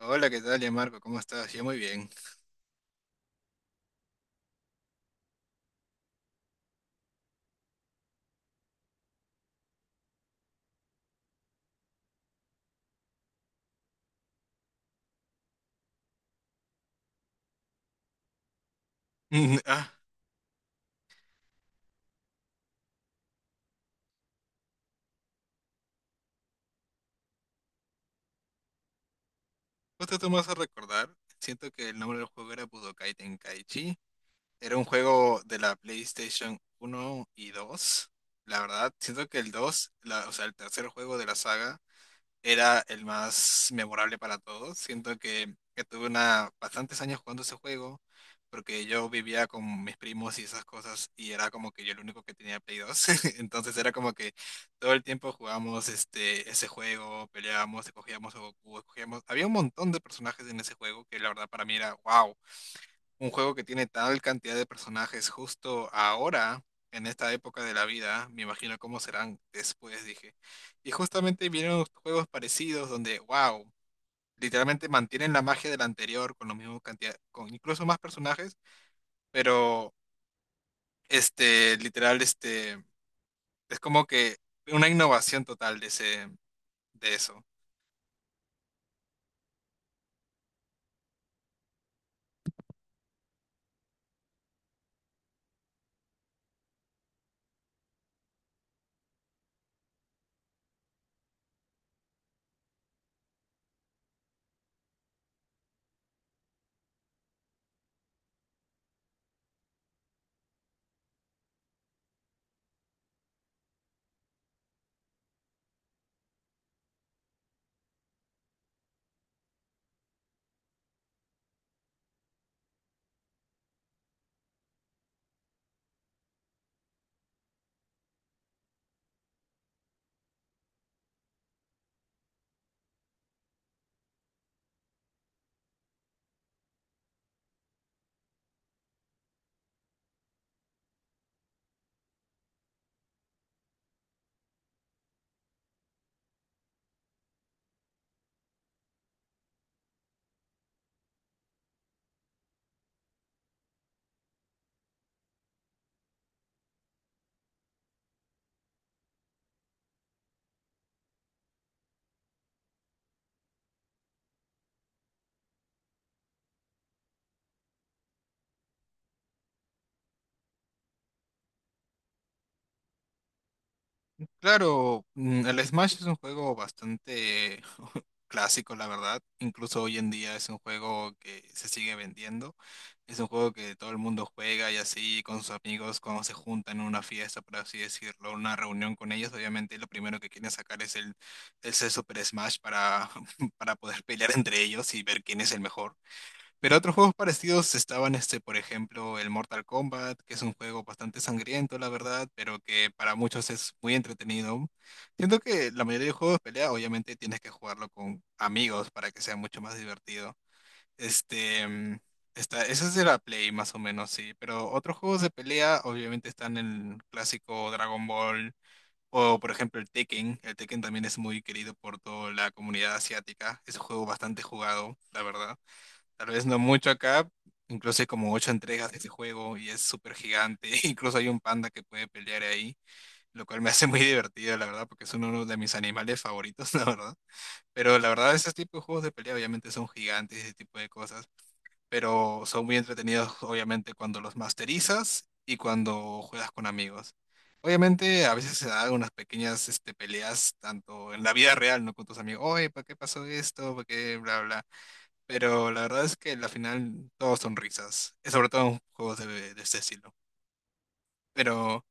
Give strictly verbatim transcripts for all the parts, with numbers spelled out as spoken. Hola, ¿qué tal, ya Marco? ¿Cómo estás? Yo muy bien. Mm, Ah, justo tú me vas a recordar. Siento que el nombre del juego era Budokai Tenkaichi. Era un juego de la PlayStation uno y dos. La verdad, siento que el dos, la- o sea, el tercer juego de la saga, era el más memorable para todos. Siento que, que tuve una, bastantes años jugando ese juego, porque yo vivía con mis primos y esas cosas, y era como que yo el único que tenía Play dos. Entonces era como que todo el tiempo jugábamos este, ese juego, peleábamos, escogíamos a Goku, escogíamos. Había un montón de personajes en ese juego que la verdad para mí era wow. Un juego que tiene tal cantidad de personajes justo ahora, en esta época de la vida, me imagino cómo serán después, dije. Y justamente vienen juegos parecidos donde, wow, literalmente mantienen la magia del anterior con la misma cantidad, con incluso más personajes, pero este, literal, este, es como que una innovación total de ese, de eso. Claro, mm, el Smash es un juego bastante clásico, la verdad. Incluso hoy en día es un juego que se sigue vendiendo. Es un juego que todo el mundo juega y así con sus amigos cuando se juntan en una fiesta, por así decirlo, una reunión con ellos. Obviamente lo primero que quieren sacar es el, es el Super Smash para, para poder pelear entre ellos y ver quién es el mejor. Pero otros juegos parecidos estaban, este, por ejemplo, el Mortal Kombat, que es un juego bastante sangriento, la verdad, pero que para muchos es muy entretenido. Siento que la mayoría de juegos de pelea, obviamente, tienes que jugarlo con amigos para que sea mucho más divertido. Este, mm, está, ese es de la Play, más o menos, sí. Pero otros juegos de pelea, obviamente, están el clásico Dragon Ball. O por ejemplo el Tekken, el Tekken también es muy querido por toda la comunidad asiática, es un juego bastante jugado, la verdad. Tal vez no mucho acá, incluso hay como ocho entregas de ese juego y es súper gigante. Incluso hay un panda que puede pelear ahí, lo cual me hace muy divertido, la verdad, porque es uno de mis animales favoritos, la verdad. Pero la verdad, ese tipo de juegos de pelea obviamente son gigantes y ese tipo de cosas, pero son muy entretenidos, obviamente, cuando los masterizas y cuando juegas con amigos. Obviamente, a veces se dan unas pequeñas este, peleas, tanto en la vida real, ¿no? Con tus amigos, oye, ¿por qué pasó esto? ¿Por qué? Bla, bla. Pero la verdad es que la final todos son risas, eh, sobre todo en juegos de, de este estilo. Pero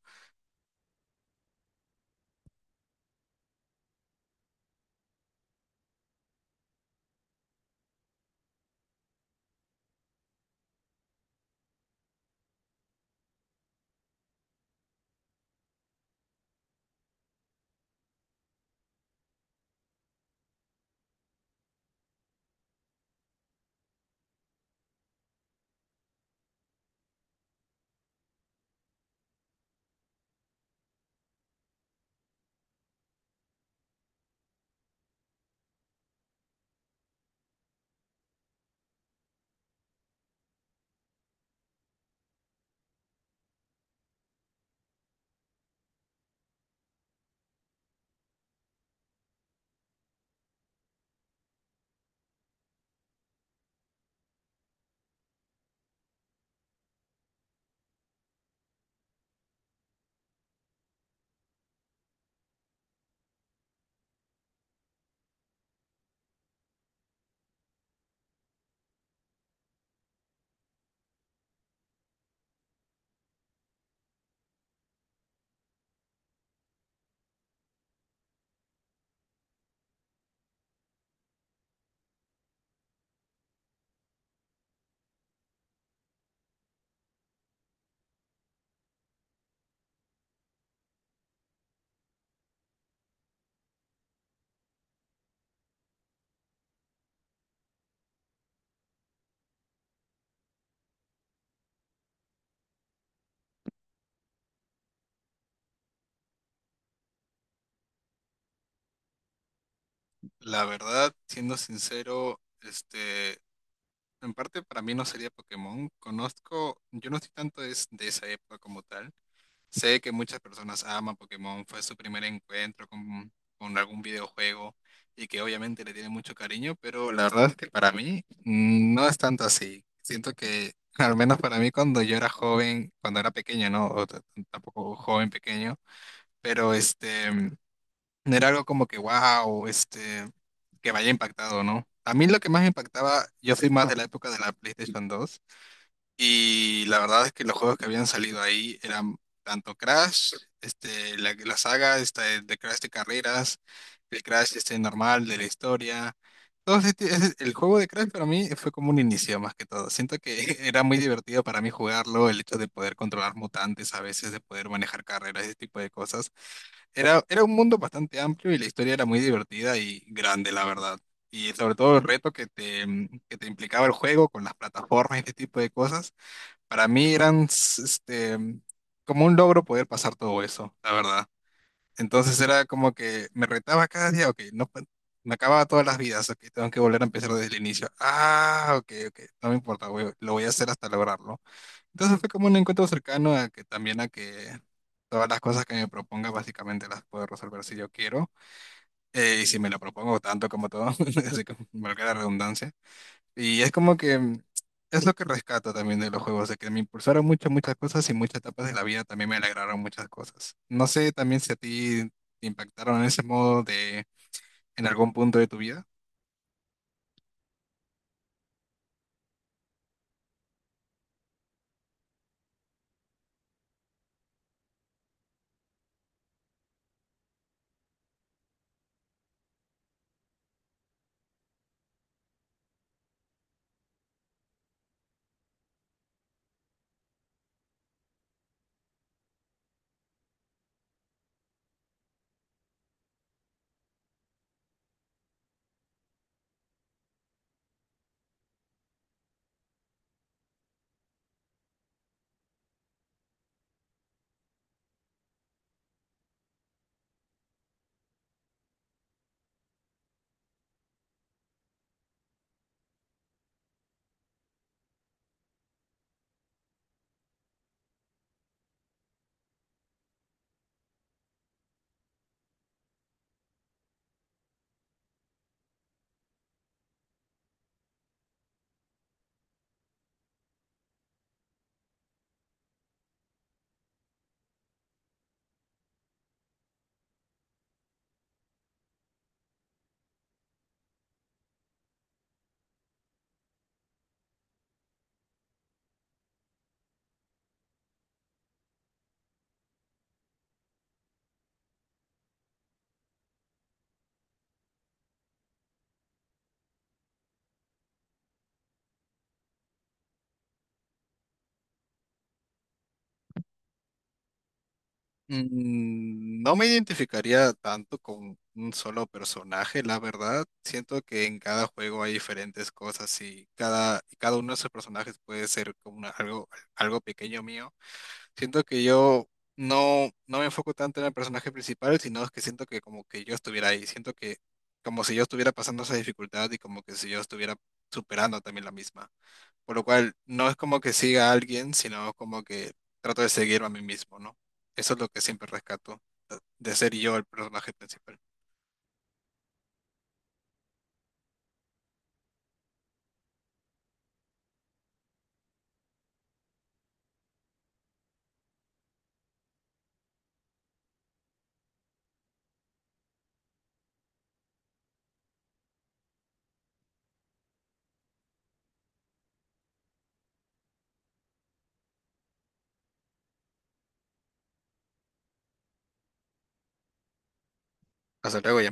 la verdad, siendo sincero, este, en parte para mí no sería Pokémon. Conozco, yo no estoy tanto es- de esa época como tal. Sé que muchas personas aman Pokémon, fue su primer encuentro con, con algún videojuego y que obviamente le tiene mucho cariño, pero la verdad es que para mí mm, no es tanto así. Siento que, al menos para mí cuando yo era joven, cuando era pequeño, ¿no? O t- tampoco joven pequeño, pero este... no era algo como que, wow, este, que me haya impactado, ¿no? A mí lo que más me impactaba, yo soy más de la época de la PlayStation dos y la verdad es que los juegos que habían salido ahí eran tanto Crash, este, la, la saga esta de, de Crash de carreras, el Crash este normal de la historia. Todo ese ti- ese- el juego de Crash para mí fue como un inicio más que todo. Siento que era muy divertido para mí jugarlo, el hecho de poder controlar mutantes a veces, de poder manejar carreras, ese tipo de cosas. Era, era un mundo bastante amplio y la historia era muy divertida y grande, la verdad. Y sobre todo el reto que te, que te implicaba el juego con las plataformas y este tipo de cosas, para mí eran s- este, como un logro poder pasar todo eso, la verdad. Entonces era como que me retaba cada día, ok, no, pa- me acababa todas las vidas, ok, tengo que volver a empezar desde el inicio. Ah, ok, ok, no me importa, voy- lo voy a hacer hasta lograrlo. Entonces fue como un encuentro cercano a que también a que todas las cosas que me proponga básicamente las puedo resolver si yo quiero eh, y si me lo propongo tanto como todo, así como valga la redundancia. Y es como que mm, es lo que rescato también de los juegos, de que me impulsaron muchas, muchas cosas y muchas etapas de la vida también me alegraron muchas cosas. No sé también si a ti te impactaron en ese modo de en algún punto de tu vida. Mm, No me identificaría tanto con un solo personaje, la verdad. Siento que en cada juego hay diferentes cosas y cada, y cada uno de esos personajes puede ser como una- algo, algo pequeño mío. Siento que yo no, no me enfoco tanto en el personaje principal, sino es que siento que como que yo estuviera ahí. Siento que como si yo estuviera pasando esa dificultad y como que si yo estuviera superando también la misma. Por lo cual, no es como que siga a alguien, sino como que trato de seguirme a mí mismo, ¿no? Eso es lo que siempre rescato, de ser yo el personaje principal. Hasta luego, ya